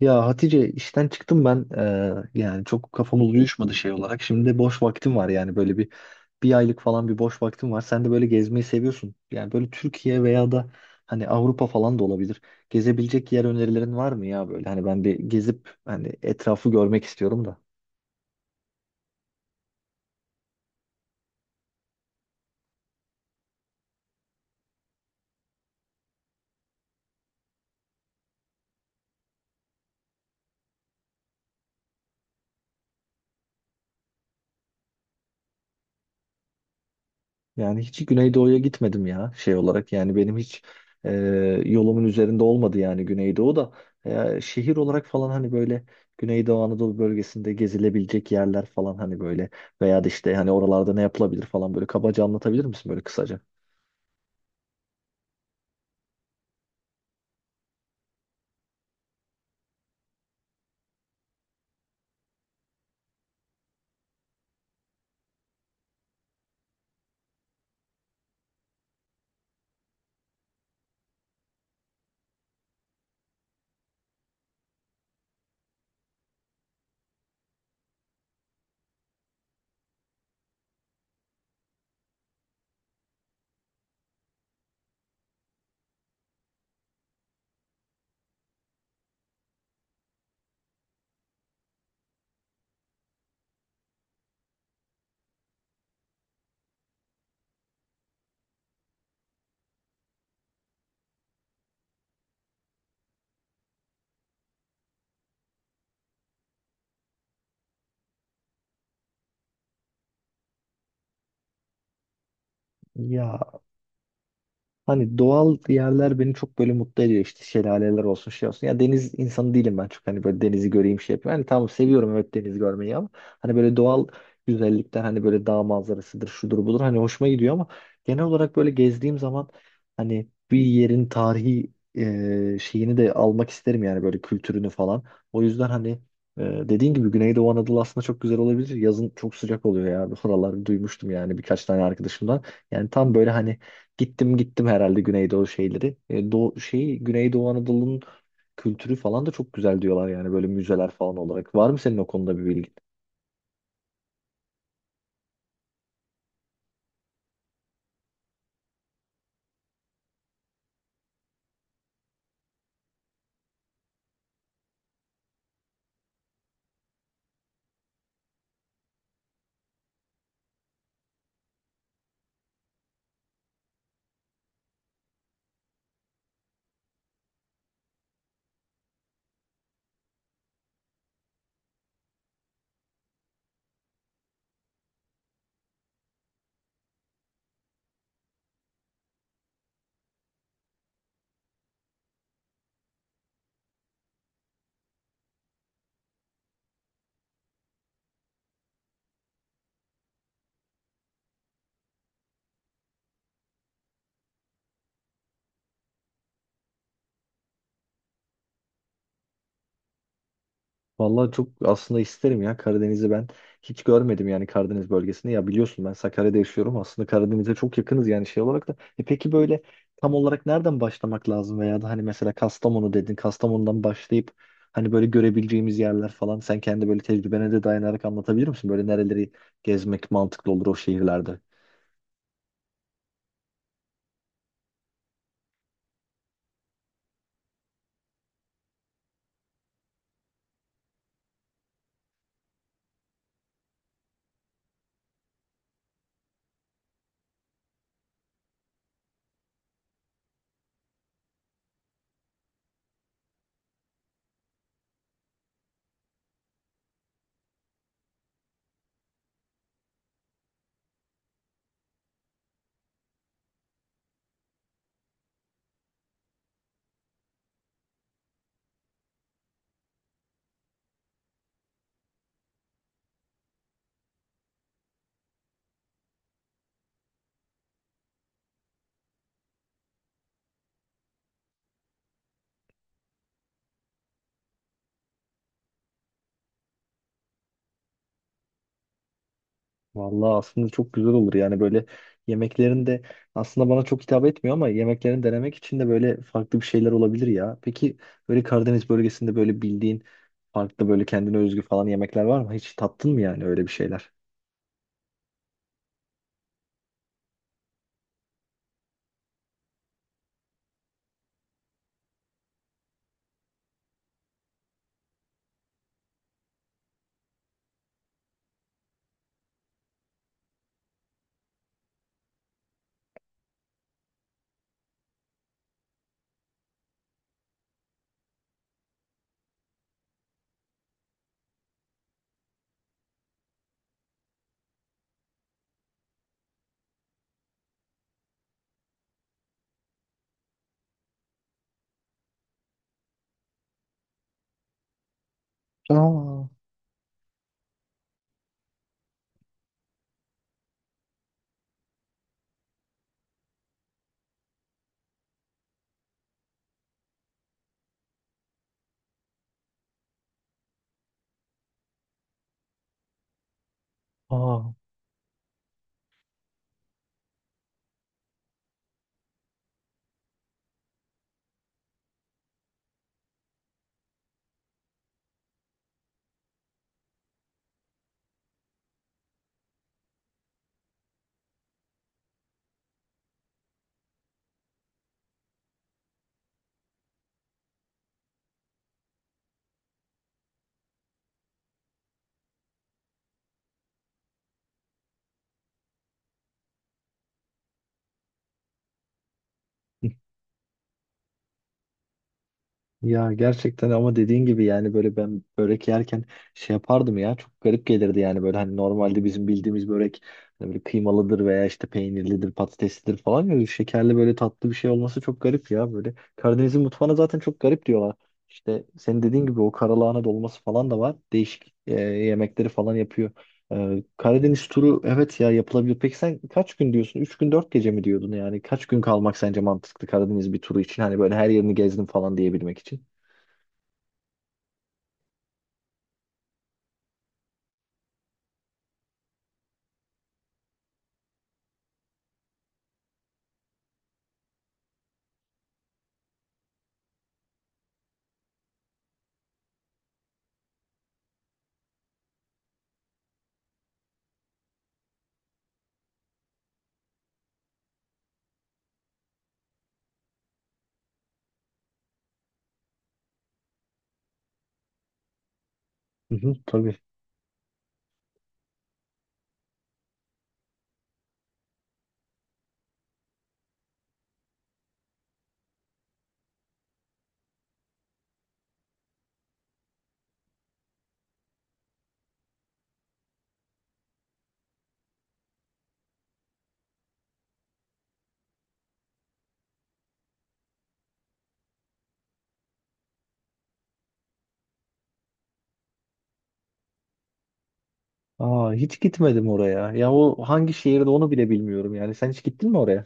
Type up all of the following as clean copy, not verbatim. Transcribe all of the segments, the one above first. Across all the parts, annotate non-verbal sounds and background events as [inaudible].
Ya Hatice, işten çıktım ben. Yani çok kafamız uyuşmadı şey olarak. Şimdi boş vaktim var, yani böyle bir aylık falan bir boş vaktim var. Sen de böyle gezmeyi seviyorsun. Yani böyle Türkiye veya da hani Avrupa falan da olabilir. Gezebilecek yer önerilerin var mı ya böyle? Hani ben bir gezip hani etrafı görmek istiyorum da. Yani hiç Güneydoğu'ya gitmedim ya, şey olarak. Yani benim hiç e, yolumun üzerinde olmadı, yani Güneydoğu da. Şehir olarak falan, hani böyle Güneydoğu Anadolu bölgesinde gezilebilecek yerler falan, hani böyle veya da işte hani oralarda ne yapılabilir falan, böyle kabaca anlatabilir misin böyle kısaca? Ya, hani doğal yerler beni çok böyle mutlu ediyor, işte şelaleler olsun şey olsun. Ya, deniz insanı değilim ben, çok hani böyle denizi göreyim şey yapayım. Hani tamam, seviyorum, evet, deniz görmeyi, ama hani böyle doğal güzellikler, hani böyle dağ manzarasıdır şudur budur, hani hoşuma gidiyor ama genel olarak böyle gezdiğim zaman hani bir yerin tarihi şeyini de almak isterim, yani böyle kültürünü falan. O yüzden hani dediğin gibi Güneydoğu Anadolu aslında çok güzel olabilir. Yazın çok sıcak oluyor ya. Oraları duymuştum yani birkaç tane arkadaşımdan. Yani tam böyle hani gittim herhalde Güneydoğu şeyleri. Doğu, şey, Güneydoğu Anadolu'nun kültürü falan da çok güzel diyorlar, yani böyle müzeler falan olarak. Var mı senin o konuda bir bilgin? Vallahi çok aslında isterim ya, Karadeniz'i ben hiç görmedim, yani Karadeniz bölgesini. Ya biliyorsun, ben Sakarya'da yaşıyorum, aslında Karadeniz'e çok yakınız yani, şey olarak da. E peki, böyle tam olarak nereden başlamak lazım veya da hani mesela Kastamonu dedin, Kastamonu'dan başlayıp hani böyle görebileceğimiz yerler falan, sen kendi böyle tecrübene de dayanarak anlatabilir misin? Böyle nereleri gezmek mantıklı olur o şehirlerde? Vallahi aslında çok güzel olur yani, böyle yemeklerin de aslında bana çok hitap etmiyor ama yemeklerini denemek için de böyle farklı bir şeyler olabilir ya. Peki böyle Karadeniz bölgesinde böyle bildiğin farklı, böyle kendine özgü falan yemekler var mı? Hiç tattın mı yani öyle bir şeyler? Aa. Aa. [laughs] Ya gerçekten, ama dediğin gibi yani böyle ben börek yerken şey yapardım ya, çok garip gelirdi yani böyle. Hani normalde bizim bildiğimiz börek hani böyle kıymalıdır veya işte peynirlidir, patateslidir falan, ya şekerli böyle tatlı bir şey olması çok garip ya. Böyle Karadeniz'in mutfağına zaten çok garip diyorlar. İşte senin dediğin gibi o karalahana dolması falan da var, değişik yemekleri falan yapıyor. Karadeniz turu, evet ya, yapılabilir. Peki sen kaç gün diyorsun, 3 gün 4 gece mi diyordun, yani kaç gün kalmak sence mantıklı Karadeniz bir turu için, hani böyle her yerini gezdim falan diyebilmek için? Hı hı, tabii. Aa, hiç gitmedim oraya. Ya o hangi şehirde onu bile bilmiyorum yani. Sen hiç gittin mi oraya?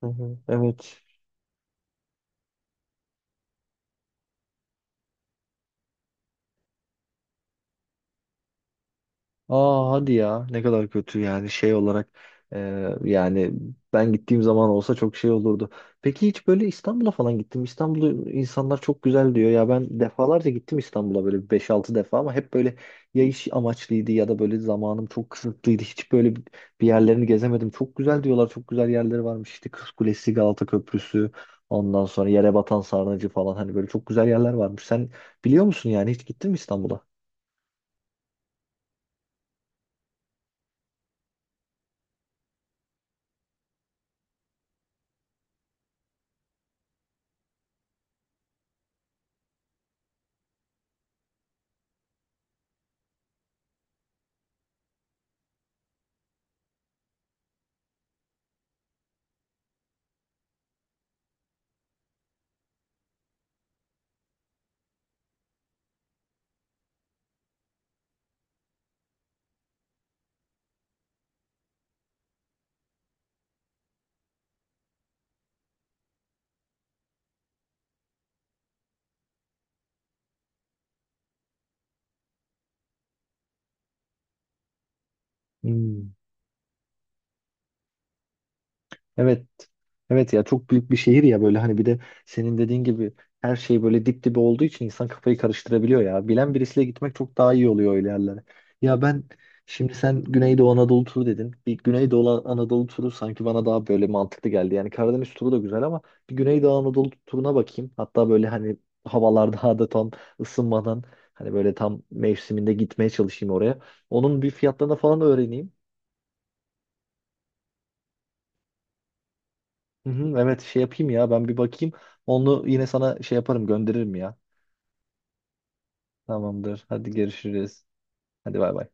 Hı hı. Evet. Aa, hadi ya, ne kadar kötü yani, şey olarak, e, yani ben gittiğim zaman olsa çok şey olurdu. Peki hiç böyle, İstanbul'a falan gittim. İstanbul'u insanlar çok güzel diyor ya, ben defalarca gittim İstanbul'a, böyle beş altı defa, ama hep böyle ya iş amaçlıydı ya da böyle zamanım çok kısıtlıydı. Hiç böyle bir yerlerini gezemedim. Çok güzel diyorlar, çok güzel yerleri varmış, işte Kız Kulesi, Galata Köprüsü, ondan sonra Yerebatan Sarnıcı falan, hani böyle çok güzel yerler varmış. Sen biliyor musun, yani hiç gittin mi İstanbul'a? Hmm. Evet. Evet ya, çok büyük bir şehir ya, böyle hani bir de senin dediğin gibi her şey böyle dip dibe olduğu için insan kafayı karıştırabiliyor ya. Bilen birisiyle gitmek çok daha iyi oluyor öyle yerlere. Ya ben, şimdi sen Güneydoğu Anadolu turu dedin. Bir Güneydoğu Anadolu turu sanki bana daha böyle mantıklı geldi. Yani Karadeniz turu da güzel ama bir Güneydoğu Anadolu turuna bakayım. Hatta böyle hani havalar [laughs] daha da tam ısınmadan hani böyle tam mevsiminde gitmeye çalışayım oraya. Onun bir fiyatlarını falan öğreneyim. Hı hı, evet, şey yapayım ya, ben bir bakayım. Onu yine sana şey yaparım, gönderirim ya. Tamamdır. Hadi, görüşürüz. Hadi, bay bay.